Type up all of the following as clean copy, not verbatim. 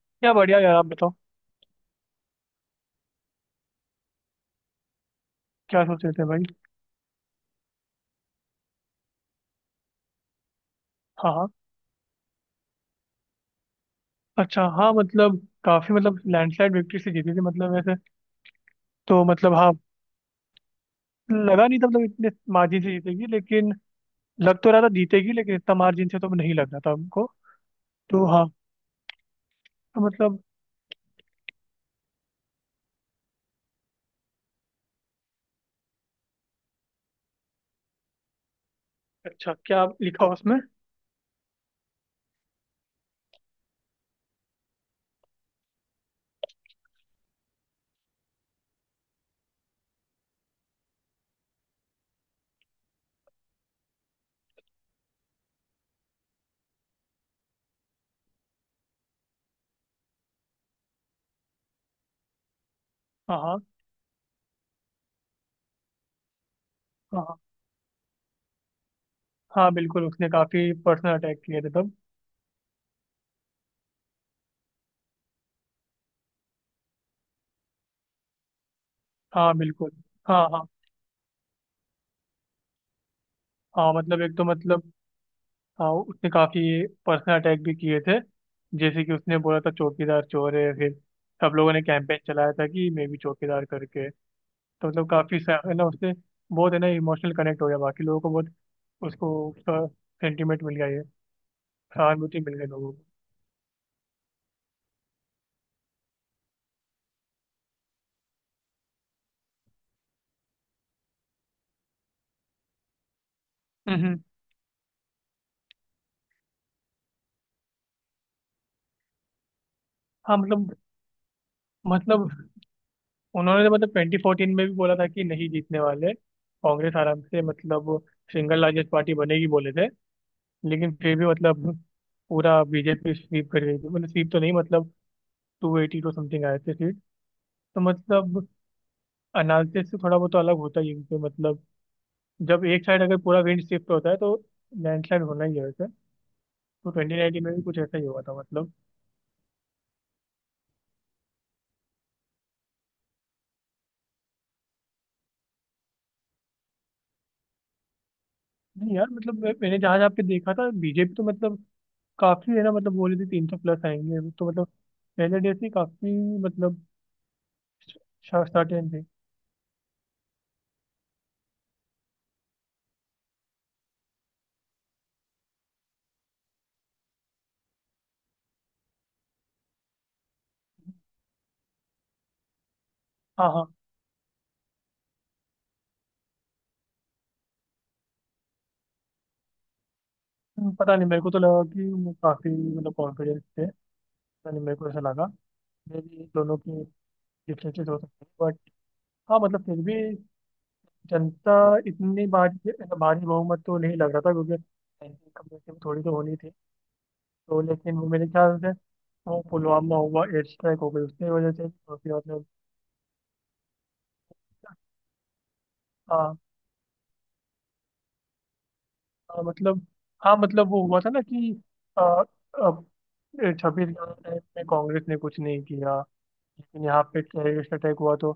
क्या बढ़िया यार आप बताओ। क्या सोच रहे थे भाई। हाँ हाँ। अच्छा हाँ मतलब काफी मतलब लैंडस्लाइड विक्ट्री से जीती थी मतलब वैसे तो मतलब हाँ। लगा नहीं था मतलब इतने मार्जिन से जीतेगी लेकिन लग तो रहा था जीतेगी लेकिन इतना मार्जिन से तो नहीं लग रहा था हमको। तो हाँ तो मतलब। अच्छा क्या लिखा उसमें। हाँ हाँ। हाँ हाँ। हाँ, बिल्कुल उसने काफी पर्सनल अटैक किए थे तब। हाँ बिल्कुल। हाँ हाँ। हाँ मतलब एक तो मतलब। हाँ उसने काफी पर्सनल अटैक भी किए थे जैसे कि उसने बोला था चौकीदार चोर है। फिर सब लोगों ने कैंपेन चलाया था कि मैं भी चौकीदार करके। तो मतलब काफी है ना उससे बहुत है ना इमोशनल कनेक्ट हो गया बाकी लोगों को बहुत उसको उसका सेंटिमेंट मिल गया ये सहानुभूति मिल गई लोगों को। हम्म, हम्म। हाँ मतलब मतलब उन्होंने तो मतलब 2014 में भी बोला था कि नहीं जीतने वाले कांग्रेस आराम से मतलब सिंगल लार्जेस्ट पार्टी बनेगी बोले थे। लेकिन फिर भी मतलब पूरा बीजेपी स्वीप कर गई थी मतलब स्वीप तो नहीं मतलब 282 समथिंग आए थे सीट। तो मतलब एनालिसिस से थोड़ा बहुत तो अलग होता ही है क्योंकि मतलब जब एक साइड अगर पूरा विंड शिफ्ट होता है तो लैंडस्लाइड होना ही है वैसे। तो 2019 में भी कुछ ऐसा ही हुआ था मतलब। नहीं यार मतलब मैंने जहाँ जहाँ पे देखा था बीजेपी तो मतलब काफी है ना मतलब बोल रही थी 300 प्लस आएंगे तो मतलब पहले डे से ही काफी मतलब सर्टेन थे। हाँ हाँ। पता नहीं मेरे को तो लगा कि वो काफी मतलब कॉन्फिडेंस थे। पता नहीं मेरे को ऐसा लगा मे बी दोनों के डिफरेंसेस हो सकते हैं बट हाँ मतलब फिर भी जनता इतनी भारी भारी बहुमत तो नहीं लग रहा था क्योंकि सैंक्शन कमेटी में थोड़ी तो होनी थी। तो लेकिन वो मेरे ख्याल से वो पुलवामा हुआ एयर स्ट्राइक हो गई उसकी वजह से और फिर मतलब। हाँ। हाँ, मतलब हाँ मतलब वो हुआ था ना कि आ, अब 26/11 टाइम में कांग्रेस ने कुछ नहीं किया लेकिन यहाँ पे टेररिस्ट अटैक हुआ तो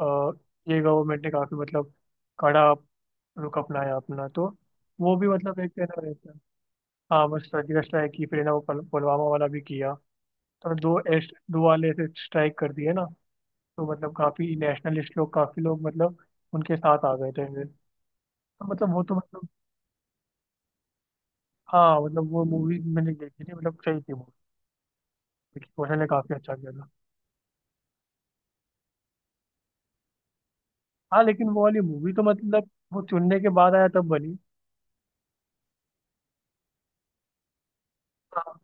आ, ये गवर्नमेंट ने काफी मतलब कड़ा रुख अपनाया अपना। तो वो भी मतलब एक कहना रहता है। हाँ बस सर्जिकल स्ट्राइक की फिर है ना वो पुलवामा वाला भी किया तो दो एस, दो वाले ऐसे स्ट्राइक कर दिए ना। तो मतलब काफी नेशनलिस्ट लोग काफी लोग मतलब उनके साथ आ गए थे फिर। तो मतलब वो तो मतलब हाँ मतलब वो मूवी मैंने देखी थी मतलब सही थी वो। क्वेश्चन ने काफी अच्छा किया था। हाँ लेकिन वो वाली मूवी तो मतलब वो चुनने के बाद आया तब बनी। हाँ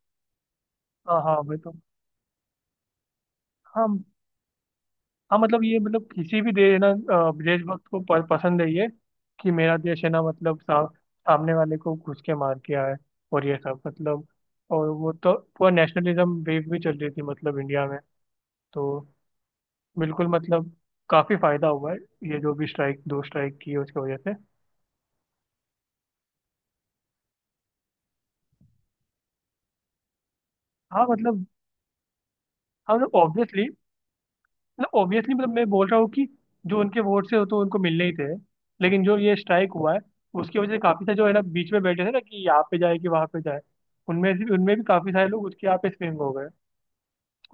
हाँ। हाँ वही तो। हाँ हाँ मतलब ये मतलब किसी भी देश है ना देशभक्त को पसंद है ये कि मेरा देश है ना मतलब सामने वाले को घुस के मार के आए और ये सब मतलब और वो तो पूरा नेशनलिज्म वेव भी चल रही थी मतलब इंडिया में। तो बिल्कुल मतलब काफी फायदा हुआ है ये जो भी स्ट्राइक दो स्ट्राइक की है उसकी वजह से। हाँ मतलब हाँ मतलब ऑब्वियसली मतलब ऑब्वियसली मतलब मैं बोल रहा हूँ कि जो उनके वोट से हो तो उनको मिलने ही थे लेकिन जो ये स्ट्राइक हुआ है उसकी वजह से काफी सारे जो है ना बीच में बैठे थे ना कि यहाँ पे जाए कि वहाँ पे जाए उनमें से उनमें भी काफी सारे लोग उसके यहाँ पे स्विंग हो गए।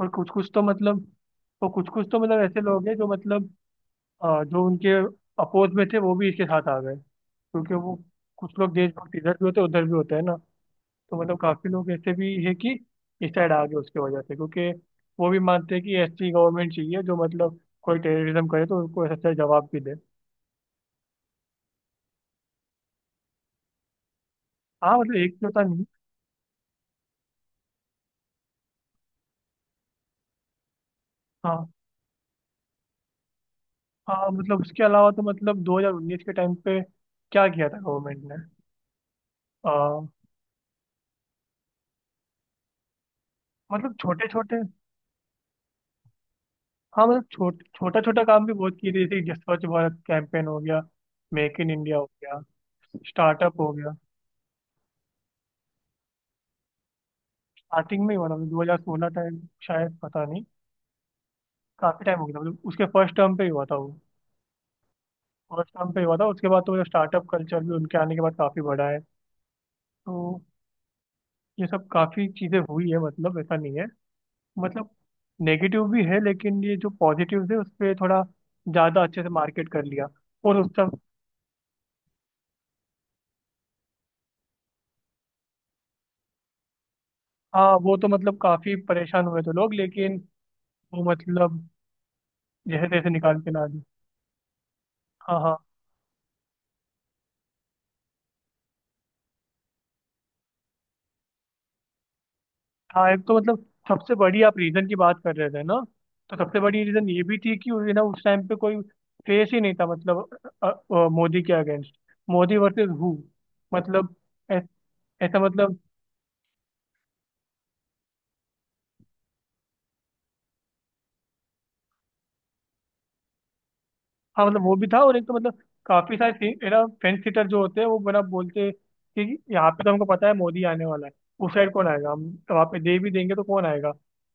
और कुछ कुछ तो मतलब तो कुछ कुछ तो मतलब ऐसे लोग हैं जो मतलब जो उनके अपोज में थे वो भी इसके साथ आ गए क्योंकि वो कुछ लोग देशभक्त इधर भी होते हैं उधर भी होते हैं ना। तो मतलब काफी लोग ऐसे भी है कि इस साइड आ गए उसकी वजह से क्योंकि वो भी मानते हैं कि ऐसी गवर्नमेंट चाहिए जो मतलब कोई टेररिज्म करे तो उसको ऐसा जवाब भी दे। हाँ मतलब एक तो था नहीं। हाँ हाँ मतलब उसके अलावा तो मतलब 2019 के टाइम पे क्या किया था गवर्नमेंट ने। आ, मतलब छोटे छोटे। हाँ मतलब छोटा छोटा काम भी बहुत किए थे जैसे कि स्वच्छ भारत कैंपेन हो गया मेक इन इंडिया हो गया स्टार्टअप हो गया। स्टार्टिंग में ही हुआ था मतलब 2016 टाइम शायद पता नहीं। काफी टाइम हो गया था मतलब उसके फर्स्ट टर्म पे ही हुआ था वो। फर्स्ट टाइम पे हुआ था उसके बाद तो मतलब स्टार्टअप कल्चर भी उनके आने के बाद काफी बढ़ा है। तो ये सब काफी चीजें हुई है मतलब ऐसा नहीं है मतलब नेगेटिव भी है लेकिन ये जो पॉजिटिव है उस पर थोड़ा ज्यादा अच्छे से मार्केट कर लिया। और उस सब। हाँ वो तो मतलब काफी परेशान हुए थे लोग लेकिन वो मतलब जैसे तैसे निकाल के ला दी। हाँ हाँ। हाँ एक तो मतलब सबसे बड़ी आप रीजन की बात कर रहे थे ना तो सबसे बड़ी रीजन ये भी थी कि ना उस टाइम पे कोई फेस ही नहीं था मतलब मोदी के अगेंस्ट मोदी वर्सेस हु मतलब ऐ- ऐसा मतलब। हाँ मतलब वो भी था और एक तो मतलब काफी सारे है ना फेंस सीटर जो होते हैं वो बना बोलते हैं कि यहाँ पे तो हमको पता है मोदी आने वाला है उस साइड कौन आएगा हम तो वहाँ पे दे भी देंगे तो कौन आएगा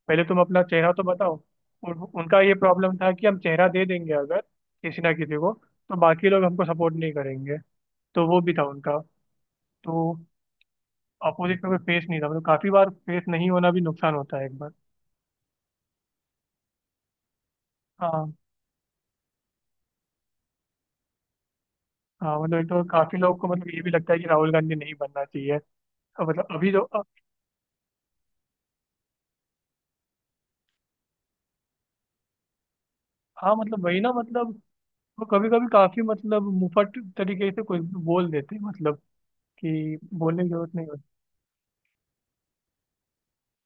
पहले तुम अपना चेहरा तो बताओ। और उनका ये प्रॉब्लम था कि हम चेहरा दे देंगे अगर किसी ना किसी को तो बाकी लोग हमको सपोर्ट नहीं करेंगे तो वो भी था उनका। तो अपोजिट में कोई फेस नहीं था मतलब काफी बार फेस नहीं होना भी नुकसान होता है एक बार। हाँ। हाँ मतलब एक तो काफी लोग को मतलब ये भी लगता है कि राहुल गांधी नहीं बनना चाहिए। और मतलब अभी जो। हाँ मतलब वही ना मतलब वो कभी कभी काफी मतलब मुफट तरीके से कुछ भी बोल देते हैं मतलब कि बोलने की जरूरत नहीं होती।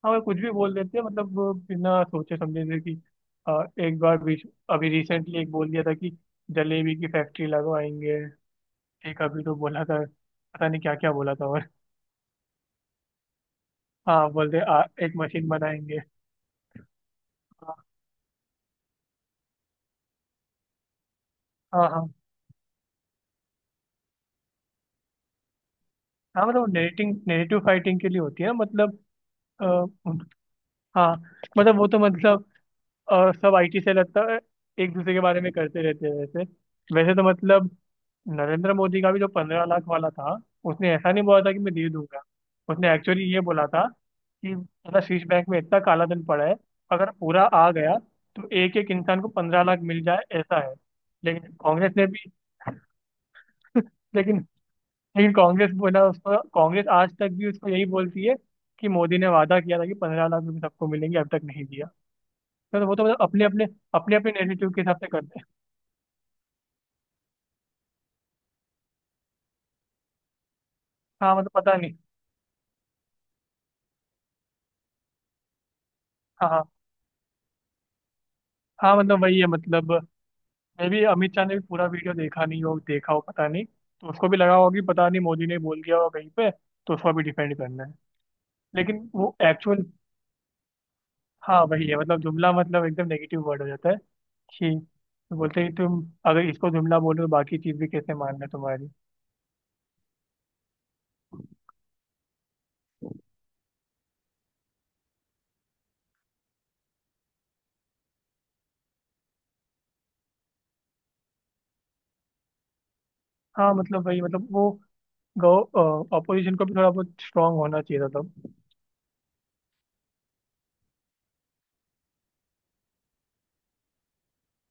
हाँ वो कुछ भी बोल देते हैं मतलब वो बिना सोचे समझे से कि एक बार बीच अभी रिसेंटली एक बोल दिया था कि जलेबी की फैक्ट्री लगवाएंगे। एक अभी तो बोला था पता नहीं क्या क्या बोला था और। हाँ बोलते एक मशीन बनाएंगे। हाँ हाँ। हाँ, हाँ, मतलब नेरेटिंग नेरेटिव फाइटिंग के लिए होती है मतलब। आ, उन- हाँ मतलब वो तो मतलब और सब आईटी से लगता है एक दूसरे के बारे में करते रहते हैं वैसे। वैसे तो मतलब नरेंद्र मोदी का भी जो 15 लाख वाला था उसने ऐसा नहीं बोला था कि मैं दे दूंगा। उसने एक्चुअली ये बोला था कि मतलब शीर्ष बैंक में इतना काला धन पड़ा है अगर पूरा आ गया तो एक एक इंसान को 15 लाख मिल जाए ऐसा है। लेकिन कांग्रेस ने भी लेकिन लेकिन कांग्रेस बोला उसको कांग्रेस आज तक भी उसको यही बोलती है कि मोदी ने वादा किया था कि 15 लाख रुपए सबको मिलेंगे अब तक नहीं दिया। तो वो तो मतलब अपने अपने नेगेटिव के हिसाब से करते हैं। हाँ मतलब पता नहीं। हाँ हाँ। हाँ मतलब वही है मतलब मैं भी अमित शाह ने भी पूरा वीडियो देखा नहीं हो देखा हो पता नहीं तो उसको भी लगा होगा कि पता नहीं मोदी ने बोल दिया होगा कहीं पे तो उसको भी डिफेंड करना है लेकिन वो एक्चुअल। हाँ वही है मतलब जुमला मतलब एकदम नेगेटिव वर्ड हो जाता है कि बोलते हैं कि तुम अगर इसको जुमला बोलो तो बाकी चीज़ भी कैसे मानना तुम्हारी। हाँ मतलब वही मतलब वो गौ अपोजिशन को भी थोड़ा बहुत स्ट्रांग होना चाहिए था तब।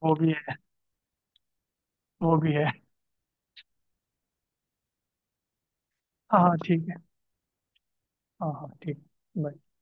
वो भी है। वो भी है। हाँ हाँ ठीक है। हाँ हाँ ठीक है Bye।